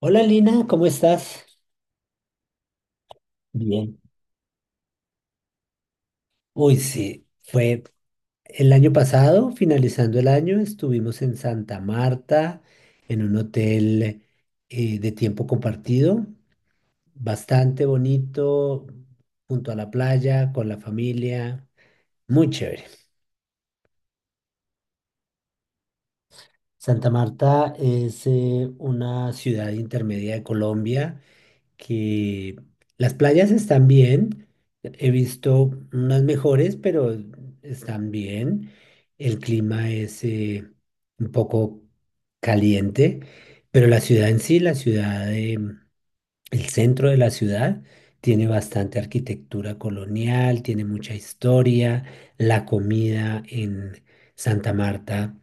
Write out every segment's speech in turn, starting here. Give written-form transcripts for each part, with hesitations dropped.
Hola Lina, ¿cómo estás? Bien. Uy, sí, fue el año pasado, finalizando el año, estuvimos en Santa Marta, en un hotel de tiempo compartido, bastante bonito, junto a la playa, con la familia, muy chévere. Santa Marta es una ciudad intermedia de Colombia. Que las playas están bien, he visto unas mejores, pero están bien. El clima es un poco caliente, pero la ciudad en sí, la ciudad el centro de la ciudad tiene bastante arquitectura colonial, tiene mucha historia. La comida en Santa Marta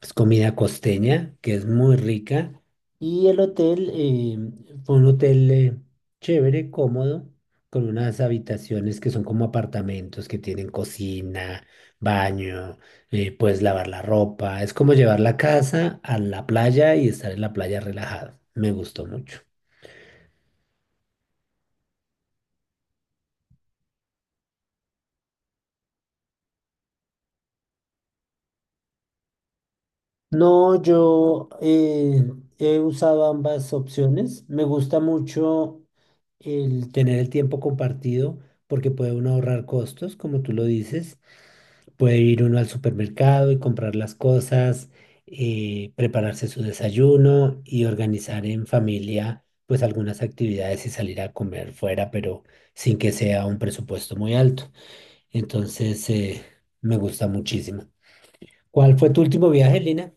es comida costeña, que es muy rica. Y el hotel fue un hotel chévere, cómodo, con unas habitaciones que son como apartamentos, que tienen cocina, baño, puedes lavar la ropa. Es como llevar la casa a la playa y estar en la playa relajado. Me gustó mucho. No, yo he usado ambas opciones. Me gusta mucho el tener el tiempo compartido porque puede uno ahorrar costos, como tú lo dices. Puede ir uno al supermercado y comprar las cosas, prepararse su desayuno y organizar en familia pues algunas actividades y salir a comer fuera, pero sin que sea un presupuesto muy alto. Entonces, me gusta muchísimo. ¿Cuál fue tu último viaje, Lina?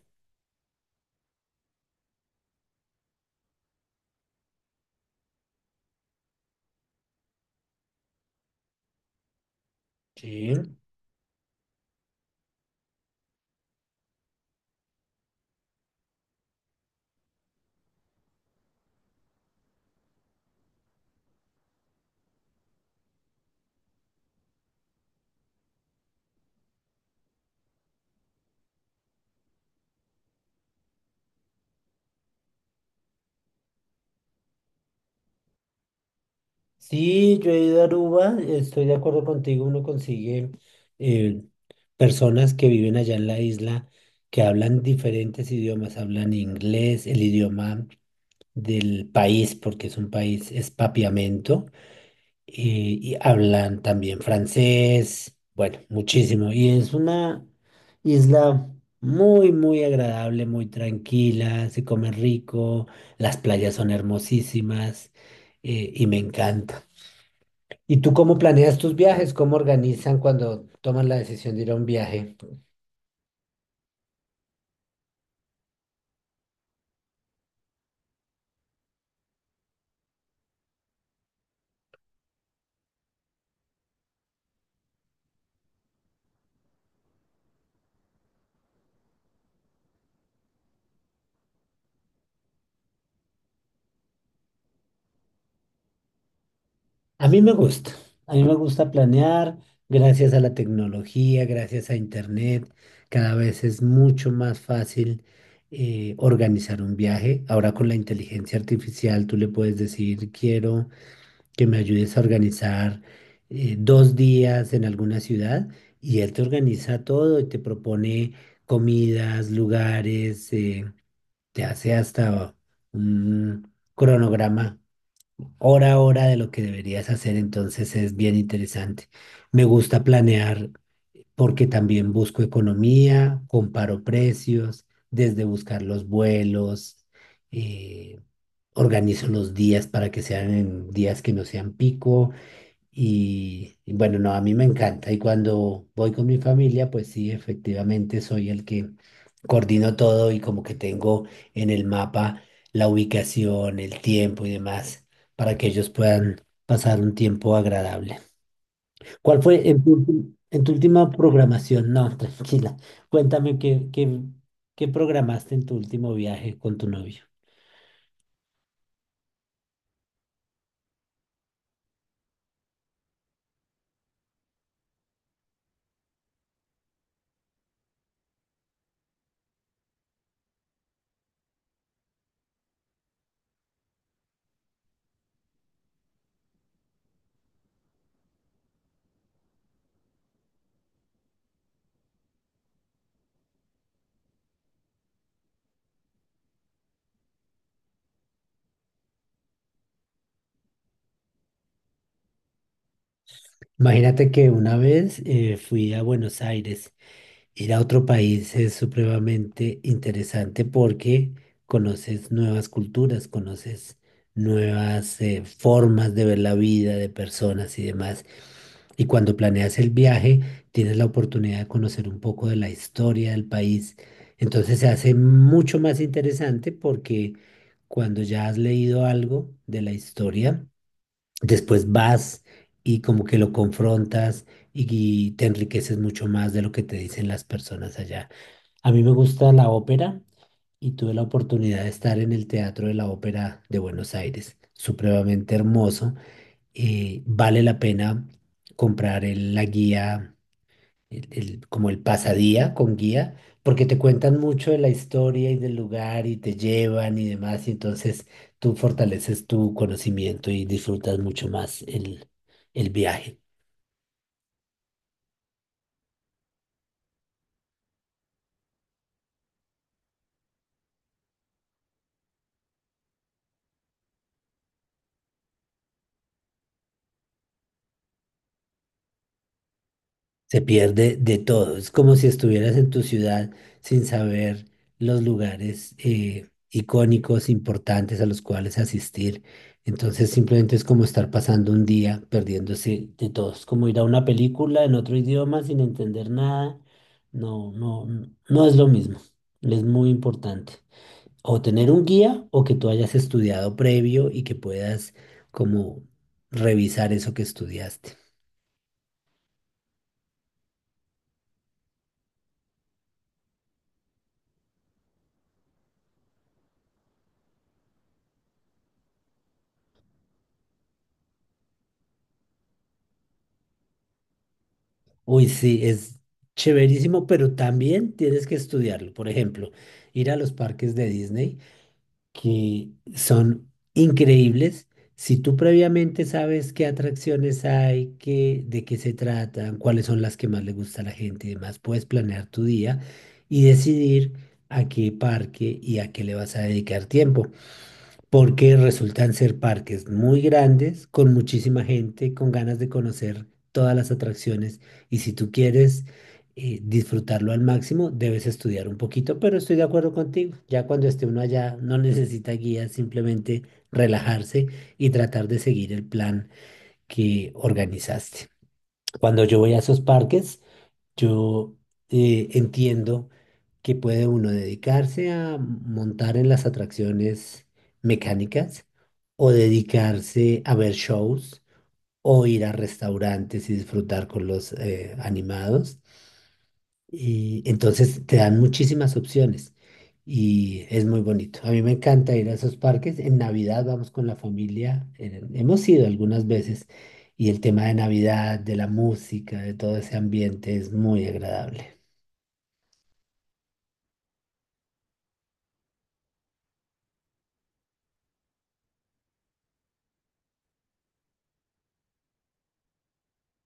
Sí. Sí, yo he ido a Aruba, estoy de acuerdo contigo, uno consigue eh, personas que viven allá en la isla que hablan diferentes idiomas, hablan inglés, el idioma del país, porque es un país, es papiamento, y hablan también francés, bueno, muchísimo. Y es una isla muy, muy agradable, muy tranquila, se come rico, las playas son hermosísimas, y me encanta. ¿Y tú cómo planeas tus viajes? ¿Cómo organizan cuando toman la decisión de ir a un viaje? A mí me gusta, a mí me gusta planear gracias a la tecnología, gracias a Internet. Cada vez es mucho más fácil organizar un viaje. Ahora con la inteligencia artificial tú le puedes decir, quiero que me ayudes a organizar 2 días en alguna ciudad y él te organiza todo y te propone comidas, lugares. Te hace hasta un cronograma hora a hora de lo que deberías hacer, entonces es bien interesante. Me gusta planear porque también busco economía, comparo precios, desde buscar los vuelos, eh, organizo los días para que sean en días que no sean pico, y bueno, no, a mí me encanta. Y cuando voy con mi familia, pues sí, efectivamente soy el que coordino todo y como que tengo en el mapa la ubicación, el tiempo y demás para que ellos puedan pasar un tiempo agradable. ¿Cuál fue en tu, en tu última programación? No, tranquila. Cuéntame qué, qué, qué programaste en tu último viaje con tu novio. Imagínate que una vez fui a Buenos Aires. Ir a otro país es supremamente interesante porque conoces nuevas culturas, conoces nuevas formas de ver la vida de personas y demás. Y cuando planeas el viaje, tienes la oportunidad de conocer un poco de la historia del país. Entonces se hace mucho más interesante porque cuando ya has leído algo de la historia, después vas y como que lo confrontas y, y te enriqueces mucho más de lo que te dicen las personas allá. A mí me gusta la ópera y tuve la oportunidad de estar en el Teatro de la Ópera de Buenos Aires, supremamente hermoso. Vale la pena comprar la guía como el pasadía con guía, porque te cuentan mucho de la historia y del lugar y te llevan y demás, y entonces tú fortaleces tu conocimiento y disfrutas mucho más el viaje. Se pierde de todo. Es como si estuvieras en tu ciudad sin saber los lugares icónicos, importantes a los cuales asistir. Entonces simplemente es como estar pasando un día perdiéndose de todo. Es como ir a una película en otro idioma sin entender nada. No, no, no es lo mismo. Es muy importante. O tener un guía o que tú hayas estudiado previo y que puedas como revisar eso que estudiaste. Uy, sí, es chéverísimo, pero también tienes que estudiarlo. Por ejemplo, ir a los parques de Disney, que son increíbles. Si tú previamente sabes qué atracciones hay, qué, de qué se tratan, cuáles son las que más le gusta a la gente y demás, puedes planear tu día y decidir a qué parque y a qué le vas a dedicar tiempo porque resultan ser parques muy grandes, con muchísima gente, con ganas de conocer todas las atracciones. Y si tú quieres disfrutarlo al máximo, debes estudiar un poquito, pero estoy de acuerdo contigo. Ya cuando esté uno allá, no necesita guía, simplemente relajarse y tratar de seguir el plan que organizaste. Cuando yo voy a esos parques, yo entiendo que puede uno dedicarse a montar en las atracciones mecánicas o dedicarse a ver shows o ir a restaurantes y disfrutar con los animados. Y entonces te dan muchísimas opciones y es muy bonito. A mí me encanta ir a esos parques. En Navidad vamos con la familia. Hemos ido algunas veces y el tema de Navidad, de la música, de todo ese ambiente es muy agradable.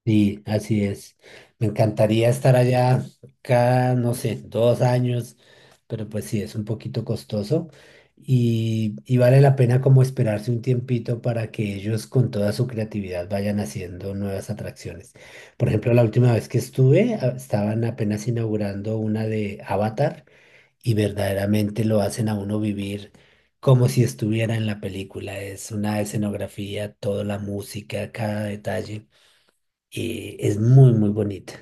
Sí, así es. Me encantaría estar allá cada, no sé, 2 años, pero pues sí, es un poquito costoso y vale la pena como esperarse un tiempito para que ellos con toda su creatividad vayan haciendo nuevas atracciones. Por ejemplo, la última vez que estuve, estaban apenas inaugurando una de Avatar y verdaderamente lo hacen a uno vivir como si estuviera en la película. Es una escenografía, toda la música, cada detalle es muy, muy bonita.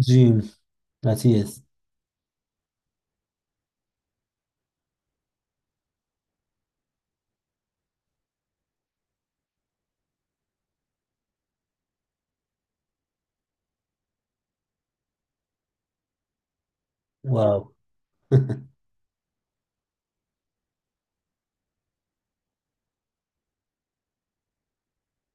Sí, así es. Wow.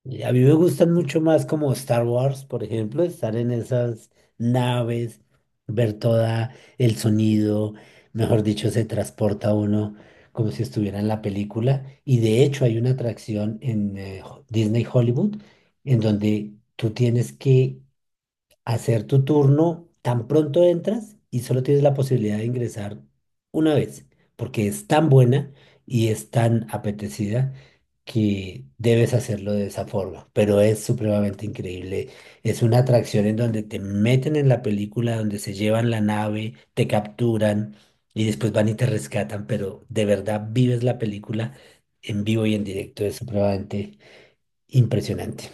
Y a mí me gustan mucho más como Star Wars, por ejemplo, estar en esas naves, ver toda el sonido, mejor dicho, se transporta uno como si estuviera en la película. Y de hecho hay una atracción en Disney Hollywood en donde tú tienes que hacer tu turno tan pronto entras y solo tienes la posibilidad de ingresar una vez, porque es tan buena y es tan apetecida que debes hacerlo de esa forma, pero es supremamente increíble. Es una atracción en donde te meten en la película, donde se llevan la nave, te capturan y después van y te rescatan, pero de verdad vives la película en vivo y en directo, es supremamente impresionante.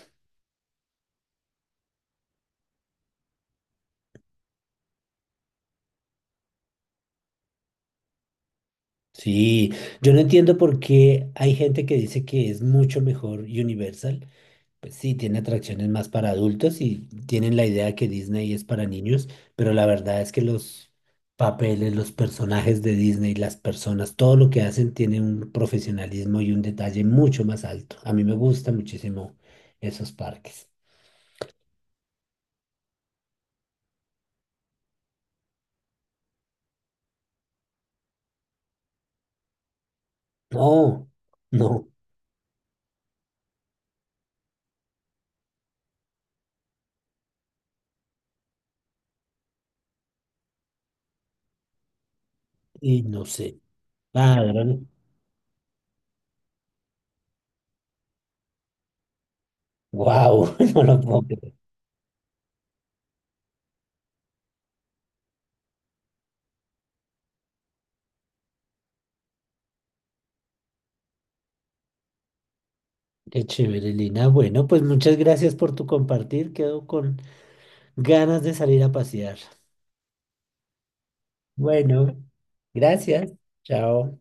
Sí, yo no entiendo por qué hay gente que dice que es mucho mejor Universal. Pues sí, tiene atracciones más para adultos y tienen la idea que Disney es para niños, pero la verdad es que los papeles, los personajes de Disney, las personas, todo lo que hacen tiene un profesionalismo y un detalle mucho más alto. A mí me gustan muchísimo esos parques. No, no, y no sé. Ah, wow, no lo puedo creer. Qué chévere, Lina. Bueno, pues muchas gracias por tu compartir. Quedo con ganas de salir a pasear. Bueno, gracias. Chao.